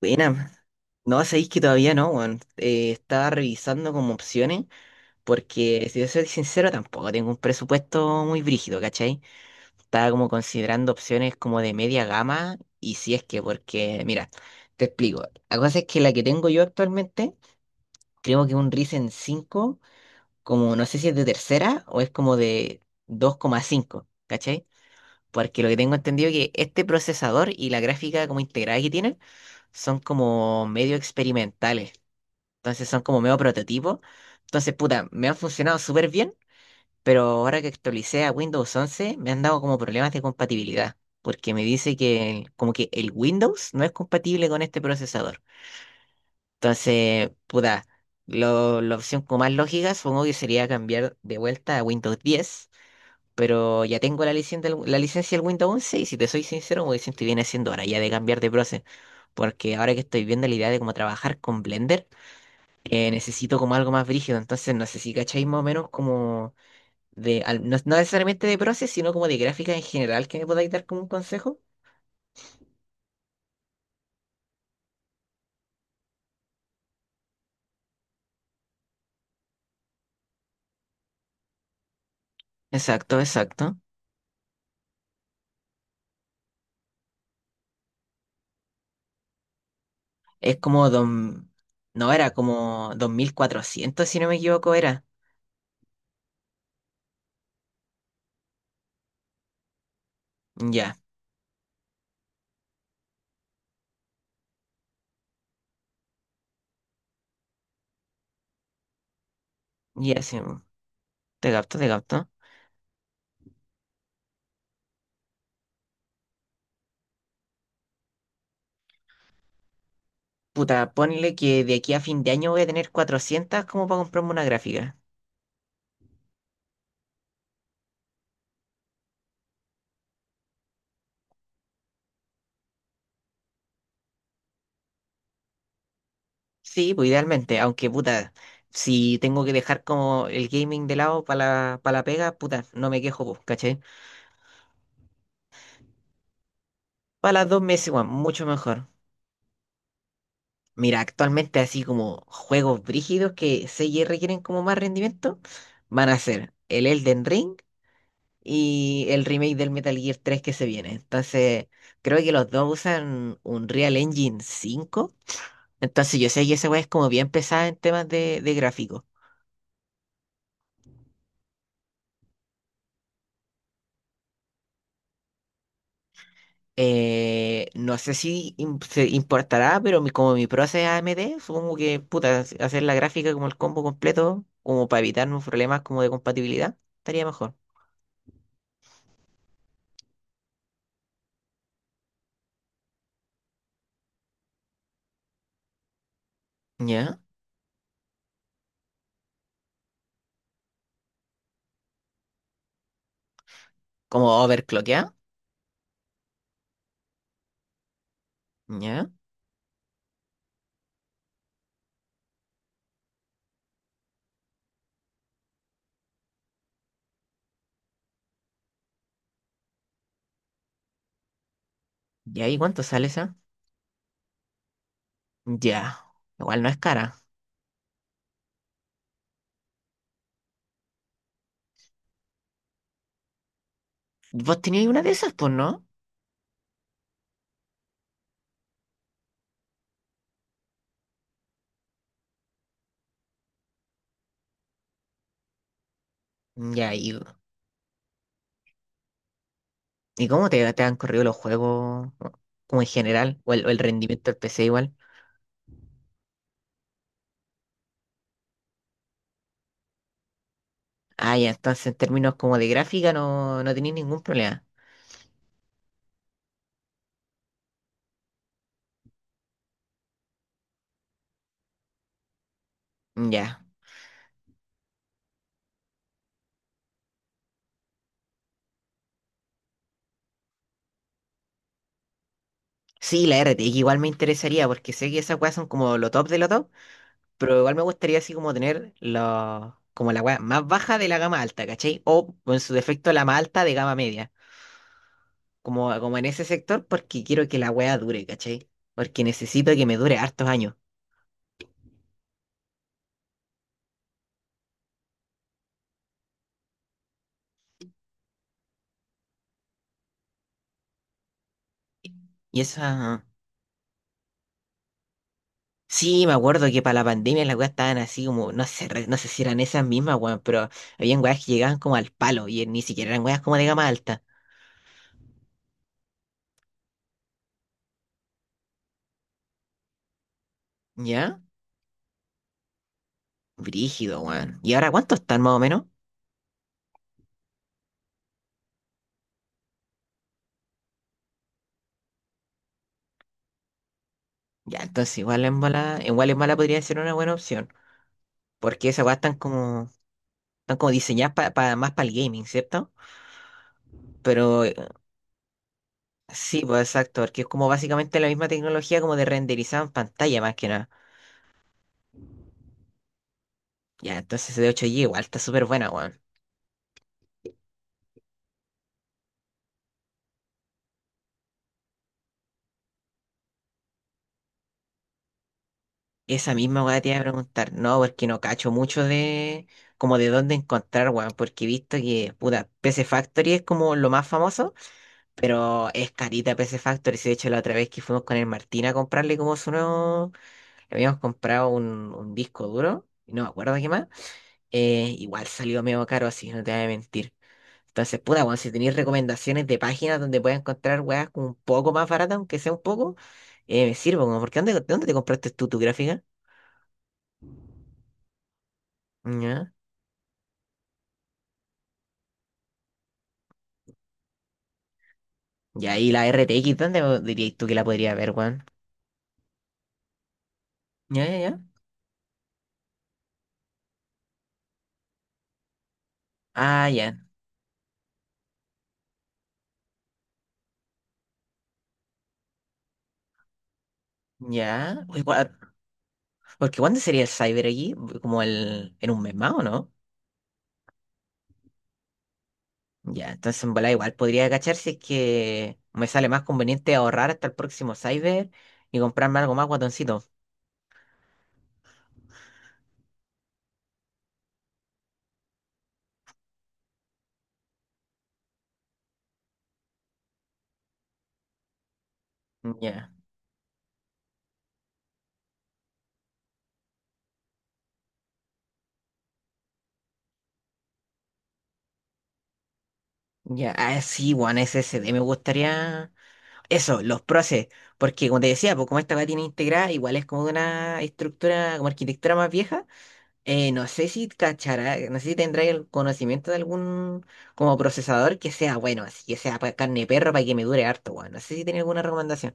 Buena. No, sabéis que todavía no, weón. Estaba revisando como opciones, porque si yo soy sincero, tampoco tengo un presupuesto muy brígido, ¿cachai? Estaba como considerando opciones como de media gama, y si es que, porque, mira, te explico. La cosa es que la que tengo yo actualmente, creo que un Ryzen cinco como no sé si es de tercera o es como de dos coma cinco, ¿cachai? Porque lo que tengo entendido es que este procesador y la gráfica como integrada que tienen son como medio experimentales. Entonces son como medio prototipos. Entonces, puta, me han funcionado súper bien, pero ahora que actualicé a Windows once, me han dado como problemas de compatibilidad, porque me dice que como que el Windows no es compatible con este procesador. Entonces, puta, la opción como más lógica supongo que sería cambiar de vuelta a Windows diez, pero ya tengo la licencia del Windows once y si te soy sincero, me siento bien haciendo ahora ya de cambiar de proceso, porque ahora que estoy viendo la idea de cómo trabajar con Blender, necesito como algo más brígido. Entonces, no sé si cacháis más o menos como de, no, no necesariamente de proces, sino como de gráfica en general que me podáis dar como un consejo. Exacto, exacto. Es como don, no era como 2400 si no me equivoco, era. Ya, ya, sí. Te capto, te capto. Puta, ponle que de aquí a fin de año voy a tener 400 como para comprarme una gráfica. Sí, pues idealmente, aunque puta, si tengo que dejar como el gaming de lado para para la pega, puta, no me quejo, pues, ¿cachai? Para las dos meses, weón, mucho mejor. Mira, actualmente así como juegos brígidos que se requieren como más rendimiento, van a ser el Elden Ring y el remake del Metal Gear 3 que se viene. Entonces, creo que los dos usan un Real Engine 5. Entonces, yo sé que esa weá es como bien pesada en temas de gráfico. No sé si se importará, pero como mi proceso es AMD, supongo que puta, hacer la gráfica como el combo completo, como para evitarnos problemas como de compatibilidad, estaría mejor. ¿Ya? Como overclockear. ¿Ya? Ya, ¿y cuánto sale esa? Ya. Igual no es cara. ¿Vos teníais una de esas? Pues no. Ya, y cómo te, te han corrido los juegos? Como en general, o el rendimiento del PC igual. Ah, ya, entonces en términos como de gráfica no, no tenéis ningún problema. Ya. Sí, la RTX igual me interesaría porque sé que esas weas son como lo top de lo top, pero igual me gustaría así como tener lo, como la wea más baja de la gama alta, ¿cachai? O en su defecto la más alta de gama media, como, como en ese sector porque quiero que la wea dure, ¿cachai? Porque necesito que me dure hartos años. Y esa... Sí, me acuerdo que para la pandemia las weas estaban así como, no sé, no sé si eran esas mismas weas, pero habían weas que llegaban como al palo y ni siquiera eran weas como de gama alta. ¿Ya? Brígido, weón. ¿Y ahora cuánto están más o menos? Ya, entonces igual en bala podría ser una buena opción, porque esas weas están como diseñadas más para el gaming, ¿cierto? Pero sí, pues exacto, porque es como básicamente la misma tecnología como de renderizado en pantalla más que nada. Ya, entonces de 8 G igual está súper buena, weón. Esa misma wea te iba a preguntar, no, porque no cacho mucho de como de dónde encontrar, weón, porque he visto que, puta, PC Factory es como lo más famoso, pero es carita PC Factory, si de hecho la otra vez que fuimos con el Martín a comprarle como su nuevo. Habíamos comprado un disco duro, y no me acuerdo qué más. Igual salió medio caro así, no te voy a mentir. Entonces, puta, bueno, si tenéis recomendaciones de páginas donde puedas encontrar weas como un poco más baratas, aunque sea un poco, me sirvo, como, porque ¿dónde, dónde te compraste tú tu gráfica? Ya. Ya, ¿y ahí la RTX, dónde dirías tú que la podría ver, Juan? Ya, ya, ya. Ah, ya, ya. Uy, gua-. Porque ¿cuándo sería el Cyber aquí? Como el, ¿en un mes más, o no? Ya, entonces en volada igual podría cachar si es que me sale más conveniente ahorrar hasta el próximo Cyber y comprarme algo más guatoncito. Ya, ya, ah, sí, One SSD me gustaría. Eso, los proces, porque como te decía, pues como esta va tiene integrada, igual es como de una estructura, como arquitectura más vieja. No sé si cachará, no sé si tendrá el conocimiento de algún como procesador que sea bueno, así que sea para carne de perro para que me dure harto, weón. No sé si tiene alguna recomendación.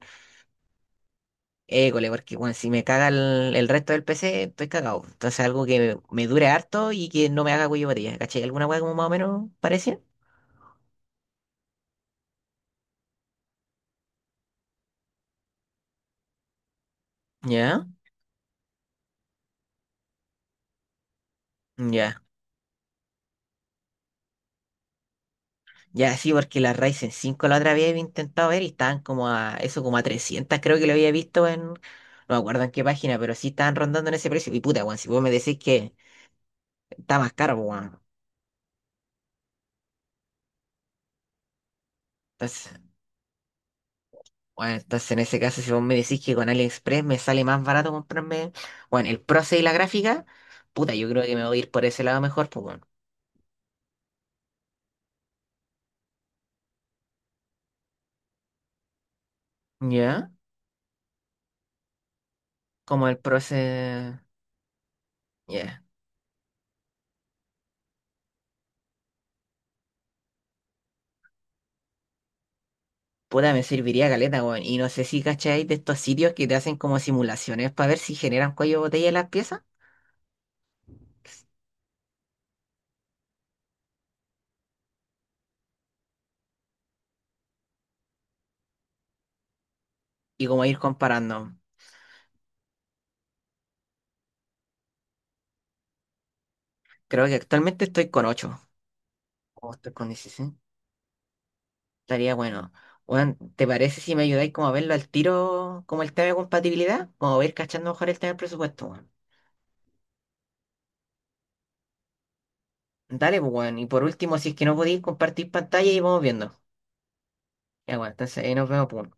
École, porque bueno, si me caga el resto del PC, estoy cagado. Entonces algo que me dure harto y que no me haga cuello de botella. ¿Cachai? ¿Alguna weá como más o menos parecía? Ya, ya, ya, sí, porque la Ryzen cinco la otra vez había intentado ver y estaban como a eso, como a 300, creo que lo había visto en, no me acuerdo en qué página, pero sí estaban rondando en ese precio. Y puta, weón, si vos me decís que está más caro, pues, weón. Bueno, entonces en ese caso, si vos me decís que con AliExpress me sale más barato comprarme, bueno, el proceso y la gráfica, puta, yo creo que me voy a ir por ese lado mejor, pues bueno. ¿Ya? Como el proceso... Ya. Puta, me serviría caleta, weón. Y no sé si cacháis de estos sitios que te hacen como simulaciones para ver si generan cuello de botella las piezas y como ir comparando. Creo que actualmente estoy con ocho. O estoy con dieciséis. Estaría bueno. Weón, ¿te parece si me ayudáis como a verlo al tiro, como el tema de compatibilidad? Como a ir cachando mejor el tema del presupuesto, weón. Dale, pues, weón. Y por último, si es que no podéis compartir pantalla y vamos viendo. Ya, weón, entonces ahí nos vemos, pues.